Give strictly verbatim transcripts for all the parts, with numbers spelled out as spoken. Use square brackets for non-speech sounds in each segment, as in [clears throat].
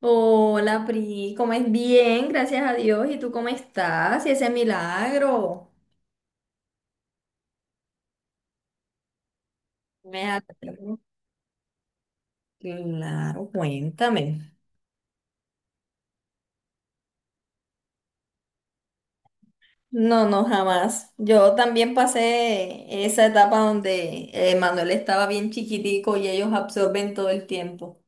Hola, Pri, ¿cómo es? Bien, gracias a Dios. ¿Y tú cómo estás? ¿Y ese milagro? Me alegro. Claro, cuéntame. No, no, jamás. Yo también pasé esa etapa donde eh, Manuel estaba bien chiquitico y ellos absorben todo el tiempo.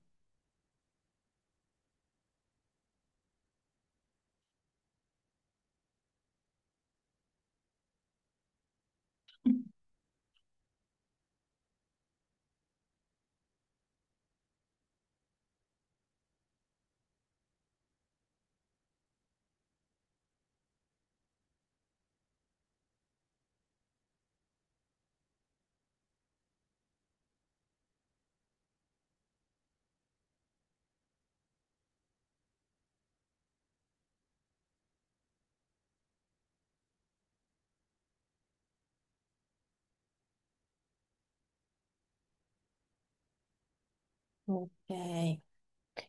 Ok.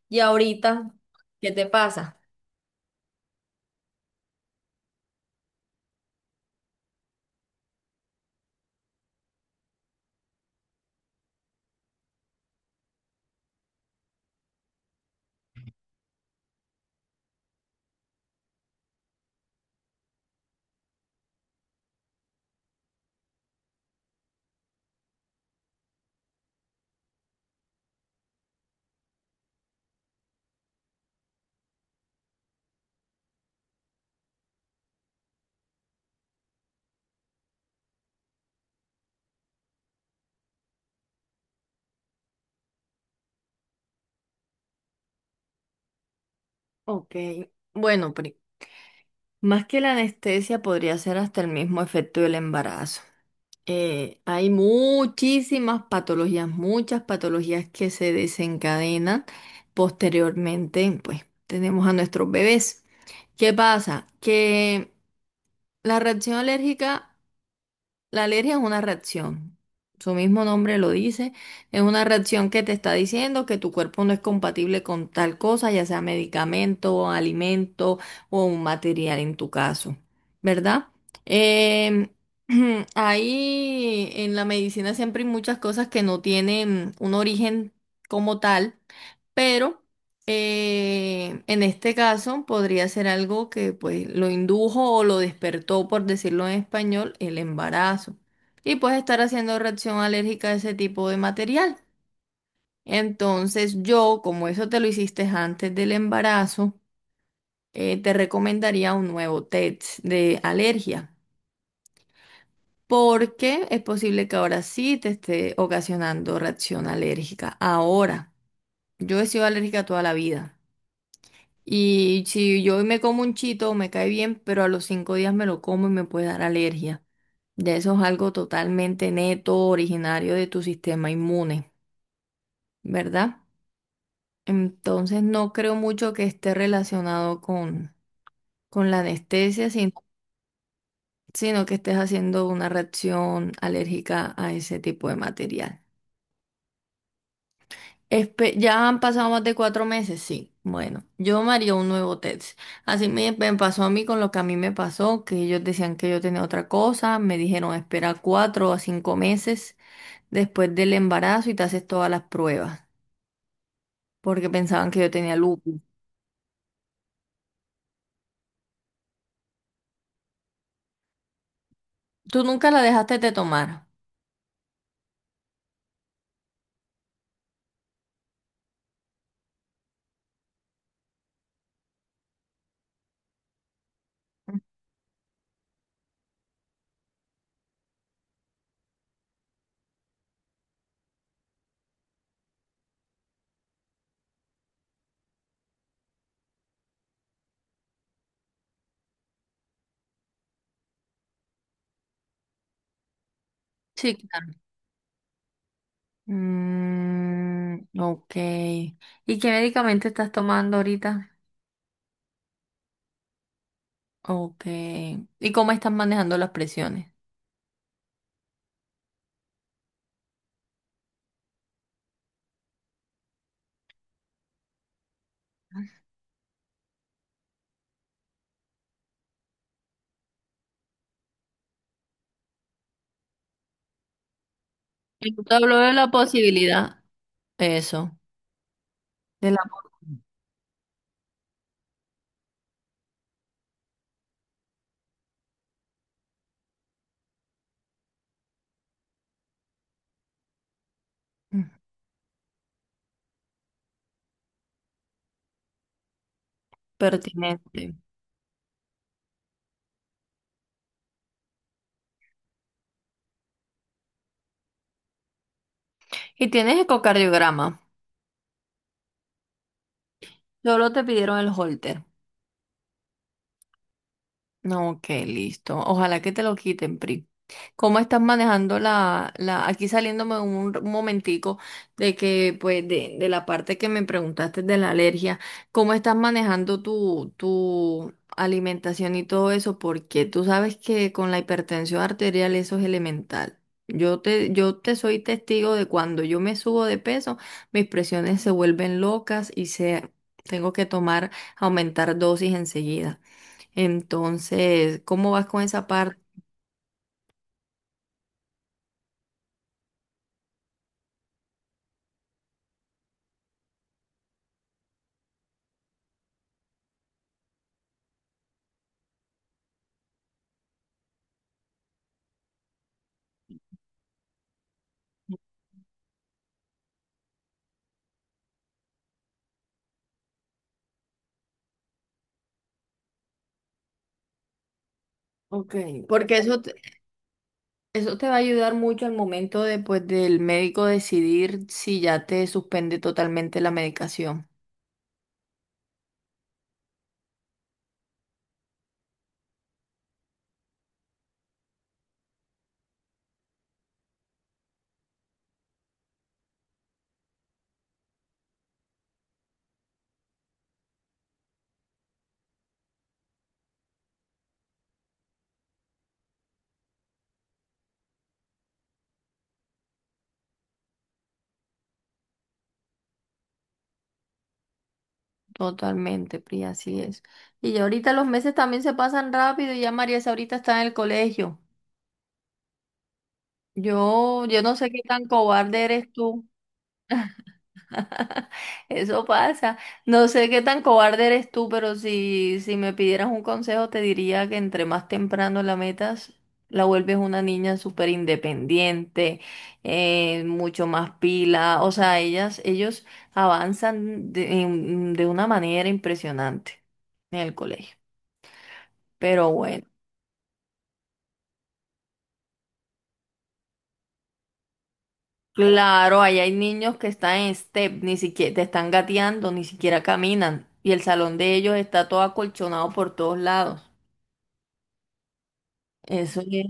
¿Y ahorita qué te pasa? Ok. Bueno, pri- más que la anestesia podría ser hasta el mismo efecto del embarazo. eh, hay muchísimas patologías, muchas patologías que se desencadenan posteriormente, pues tenemos a nuestros bebés. ¿Qué pasa? Que la reacción alérgica, la alergia es una reacción, su mismo nombre lo dice, es una reacción que te está diciendo que tu cuerpo no es compatible con tal cosa, ya sea medicamento, alimento o un material en tu caso, ¿verdad? Em, [clears throat] ahí en la medicina siempre hay muchas cosas que no tienen un origen como tal, pero eh, en este caso podría ser algo que pues lo indujo o lo despertó, por decirlo en español, el embarazo. Y puedes estar haciendo reacción alérgica a ese tipo de material. Entonces yo, como eso te lo hiciste antes del embarazo, eh, te recomendaría un nuevo test de alergia. Porque es posible que ahora sí te esté ocasionando reacción alérgica. Ahora, yo he sido alérgica toda la vida. Y si yo me como un chito, me cae bien, pero a los cinco días me lo como y me puede dar alergia. Ya eso es algo totalmente neto, originario de tu sistema inmune, ¿verdad? Entonces no creo mucho que esté relacionado con, con la anestesia, sin- sino que estés haciendo una reacción alérgica a ese tipo de material. Espe- ya han pasado más de cuatro meses, sí. Bueno, yo me haría un nuevo test. Así me, me pasó a mí con lo que a mí me pasó, que ellos decían que yo tenía otra cosa, me dijeron espera cuatro a cinco meses después del embarazo y te haces todas las pruebas, porque pensaban que yo tenía lupus. ¿Tú nunca la dejaste de tomar? Sí, claro. Mm, ok. ¿Y qué medicamento estás tomando ahorita? Ok. ¿Y cómo estás manejando las presiones? Yo te hablo de la posibilidad. Eso, del amor. Mm. Pertinente. Y tienes ecocardiograma. Solo te pidieron el holter. No, ok, listo. Ojalá que te lo quiten, Pri. ¿Cómo estás manejando la, la, aquí saliéndome un, un momentico de que, pues, de, de la parte que me preguntaste de la alergia, ¿cómo estás manejando tu, tu alimentación y todo eso? Porque tú sabes que con la hipertensión arterial eso es elemental. Yo te, yo te soy testigo de cuando yo me subo de peso, mis presiones se vuelven locas y se, tengo que tomar, aumentar dosis enseguida. Entonces, ¿cómo vas con esa parte? Ok. Porque eso te, eso te va a ayudar mucho al momento de, pues, del médico decidir si ya te suspende totalmente la medicación. Totalmente, Pri, así es. Y ya ahorita los meses también se pasan rápido y ya María Isa ahorita está en el colegio. Yo, yo no sé qué tan cobarde eres tú. [laughs] Eso pasa. No sé qué tan cobarde eres tú, pero si, si me pidieras un consejo, te diría que entre más temprano la metas, la vuelves una niña súper independiente, eh, mucho más pila. O sea, ellas, ellos avanzan de, en- de una manera impresionante en el colegio. Pero bueno, claro, ahí hay niños que están en step, ni siquiera te están gateando, ni siquiera caminan. Y el salón de ellos está todo acolchonado por todos lados. Eso es.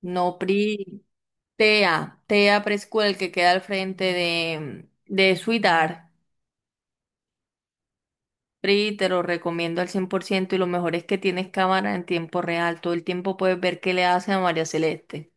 No, Pri, T E A, T E A Preschool, el que queda al frente de, de Suidar. Pri, te lo recomiendo al cien por ciento y lo mejor es que tienes cámara en tiempo real. Todo el tiempo puedes ver qué le hace a María Celeste.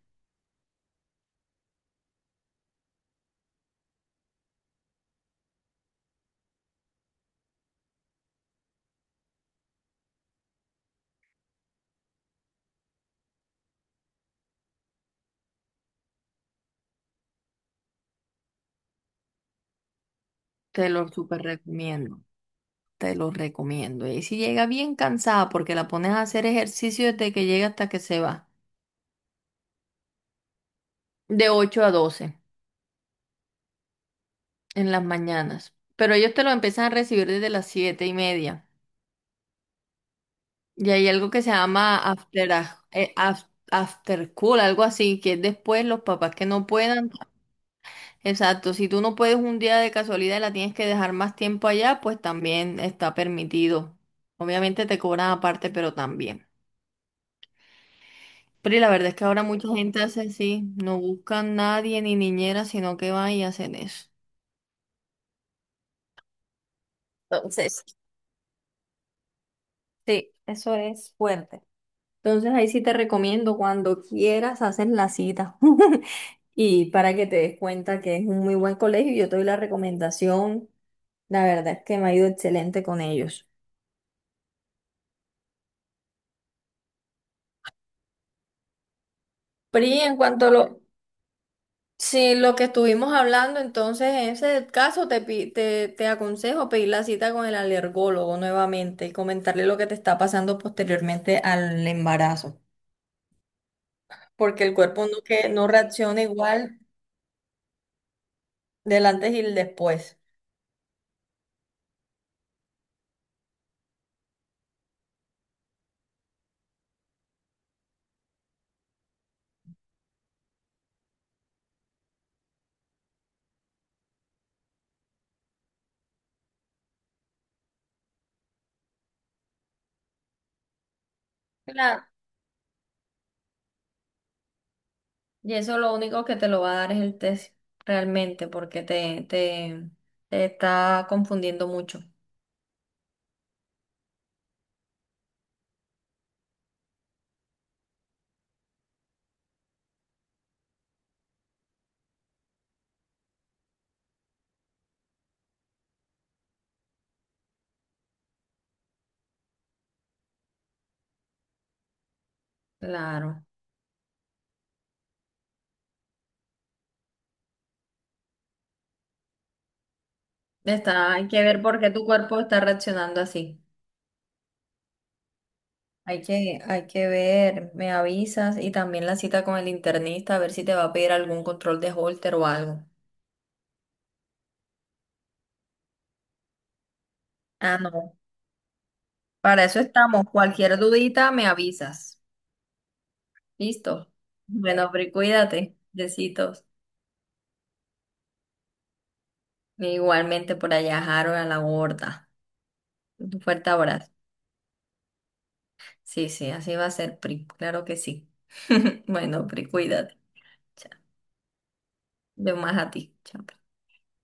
Te lo súper recomiendo, te lo recomiendo. Y si llega bien cansada porque la pones a hacer ejercicio desde que llega hasta que se va, de ocho a doce en las mañanas. Pero ellos te lo empiezan a recibir desde las siete y media. Y hay algo que se llama after, a- eh, af- after school, algo así, que es después los papás que no puedan. Exacto, si tú no puedes un día de casualidad y la tienes que dejar más tiempo allá, pues también está permitido. Obviamente te cobran aparte, pero también. Pero y la verdad es que ahora mucha gente hace así, no buscan nadie ni niñera, sino que van y hacen eso. Entonces, sí, eso es fuerte. Entonces ahí sí te recomiendo cuando quieras hacer la cita [laughs] y para que te des cuenta que es un muy buen colegio, yo te doy la recomendación, la verdad es que me ha ido excelente con ellos. Pri, en cuanto a lo, si lo que estuvimos hablando, entonces en ese caso te, pi- te, te aconsejo pedir la cita con el alergólogo nuevamente y comentarle lo que te está pasando posteriormente al embarazo, porque el cuerpo no, que, no reacciona igual del antes y el después. Claro. Y eso lo único que te lo va a dar es el test realmente, porque te, te, te está confundiendo mucho. Claro. Está, hay que ver por qué tu cuerpo está reaccionando así. Hay que, hay que ver, me avisas y también la cita con el internista, a ver si te va a pedir algún control de Holter o algo. Ah, no. Para eso estamos. Cualquier dudita, me avisas. Listo. Bueno, Pri, cuídate. Besitos. Igualmente por allá, Harold, a la gorda. Un fuerte abrazo. Sí, sí, así va a ser, Pri. Claro que sí. [laughs] Bueno, Pri, cuídate. Chao. Yo más a ti. Chao.